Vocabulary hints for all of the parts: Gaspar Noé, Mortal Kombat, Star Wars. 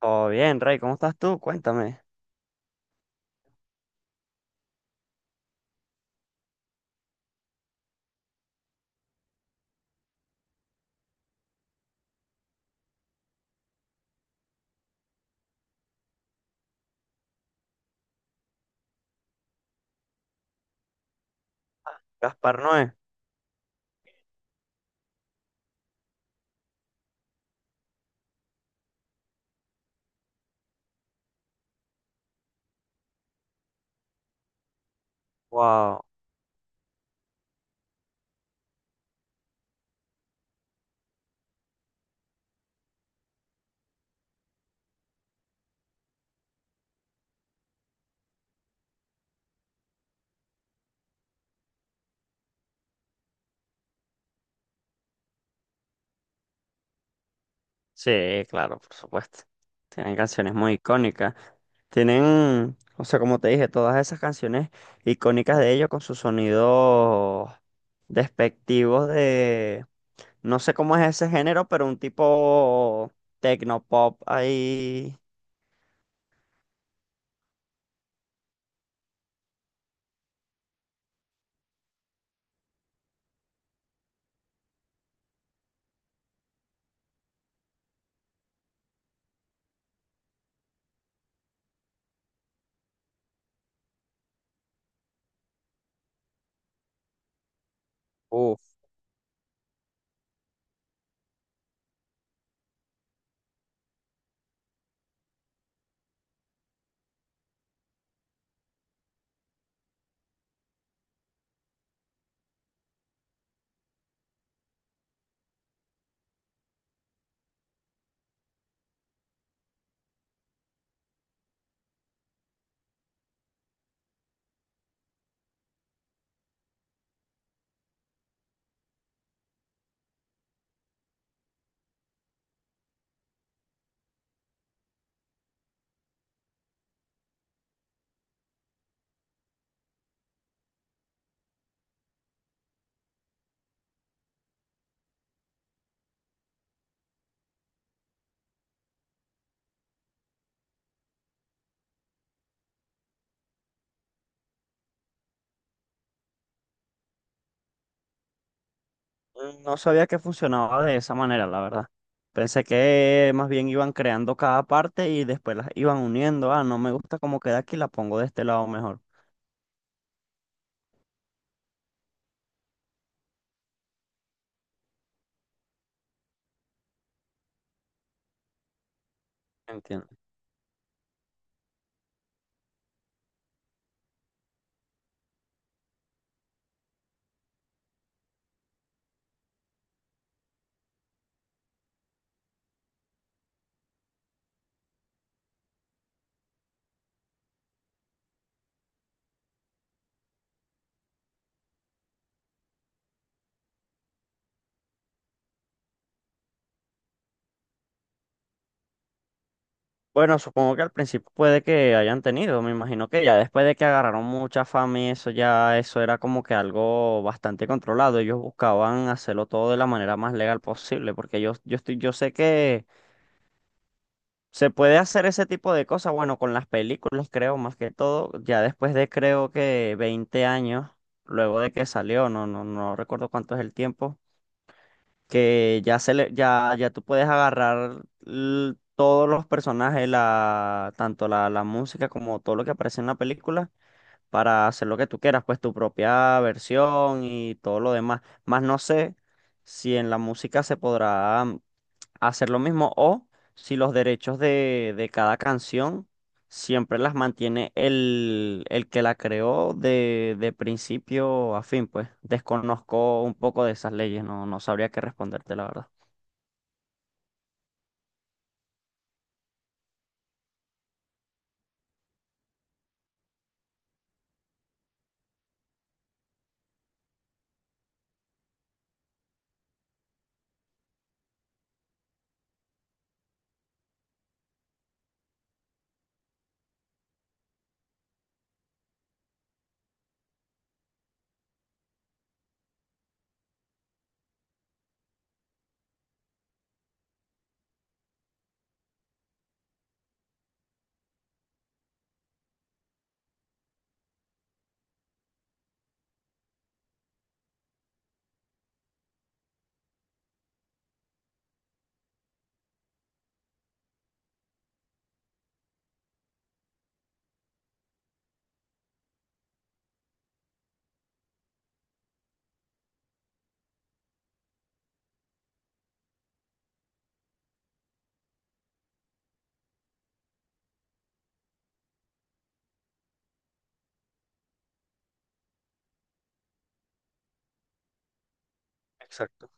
Todo bien, Rey, ¿cómo estás tú? Cuéntame. Gaspar Noé. Wow. Sí, claro, por supuesto. Tienen canciones muy icónicas. Tienen, o sea, como te dije, todas esas canciones icónicas de ellos con sus sonidos despectivos de, no sé cómo es ese género, pero un tipo tecnopop ahí. No sabía que funcionaba de esa manera, la verdad. Pensé que más bien iban creando cada parte y después las iban uniendo. Ah, no me gusta cómo queda aquí, la pongo de este lado mejor. Entiendo. Bueno, supongo que al principio puede que hayan tenido, me imagino que ya después de que agarraron mucha fama y eso ya, eso era como que algo bastante controlado. Ellos buscaban hacerlo todo de la manera más legal posible, porque yo estoy, yo sé que se puede hacer ese tipo de cosas, bueno, con las películas creo, más que todo, ya después de creo que 20 años, luego de que salió, no recuerdo cuánto es el tiempo, que ya se le, ya, ya tú puedes agarrar todos los personajes, tanto la música como todo lo que aparece en la película, para hacer lo que tú quieras, pues tu propia versión y todo lo demás. Más no sé si en la música se podrá hacer lo mismo o si los derechos de cada canción siempre las mantiene el que la creó de principio a fin, pues desconozco un poco de esas leyes, no sabría qué responderte, la verdad. Exacto.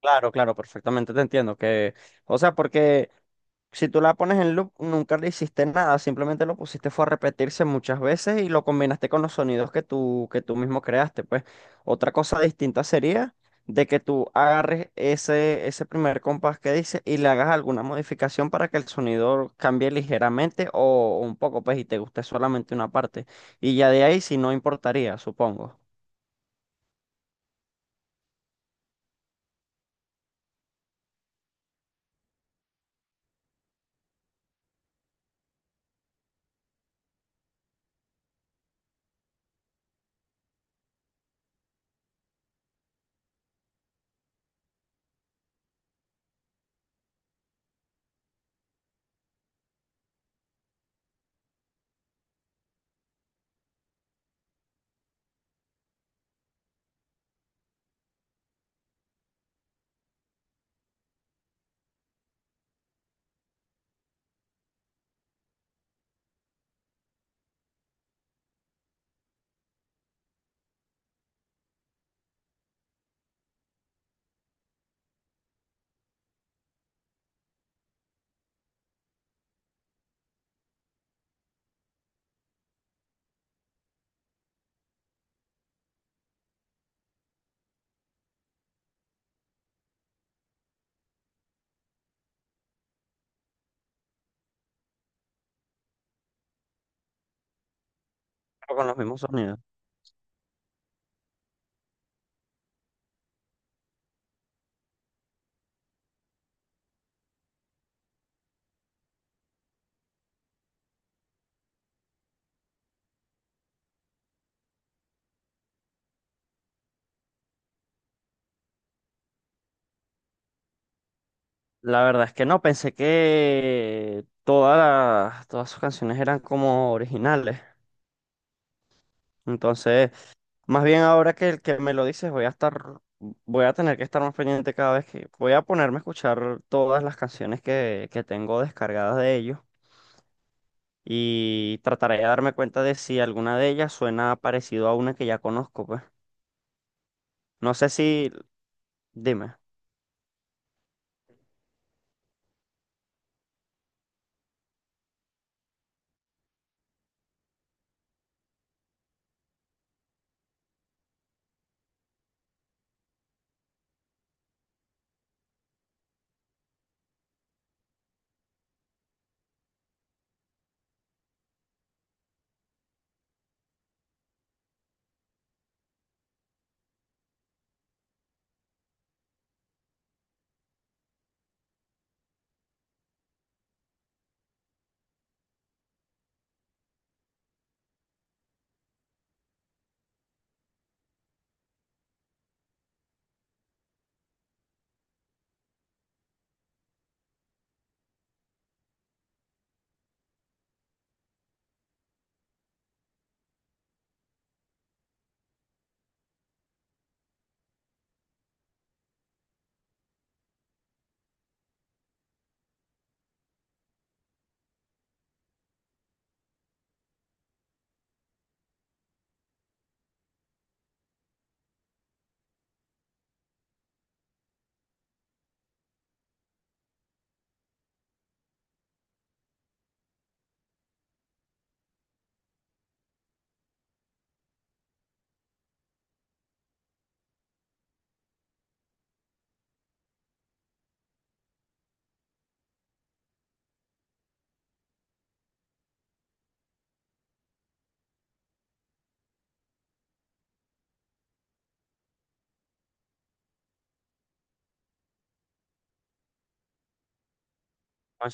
Claro, claro, perfectamente te entiendo que, o sea, porque si tú la pones en loop, nunca le hiciste nada, simplemente lo pusiste fue a repetirse muchas veces y lo combinaste con los sonidos que que tú mismo creaste, pues. Otra cosa distinta sería de que tú agarres ese primer compás que dice y le hagas alguna modificación para que el sonido cambie ligeramente o un poco, pues, y te guste solamente una parte. Y ya de ahí, si no importaría, supongo, con los mismos sonidos. La verdad es que no, pensé que todas sus canciones eran como originales. Entonces, más bien ahora que el que me lo dices, voy a estar, voy a tener que estar más pendiente cada vez que voy a ponerme a escuchar todas las canciones que tengo descargadas de ellos y trataré de darme cuenta de si alguna de ellas suena parecido a una que ya conozco, pues. No sé si, dime,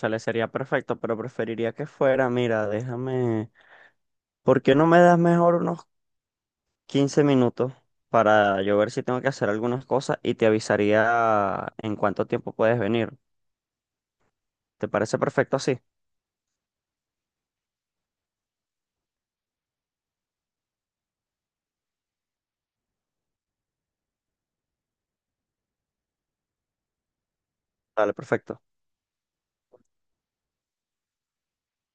le sería perfecto, pero preferiría que fuera, mira, déjame, ¿por qué no me das mejor unos 15 minutos para yo ver si tengo que hacer algunas cosas y te avisaría en cuánto tiempo puedes venir? ¿Te parece perfecto así? Dale, perfecto.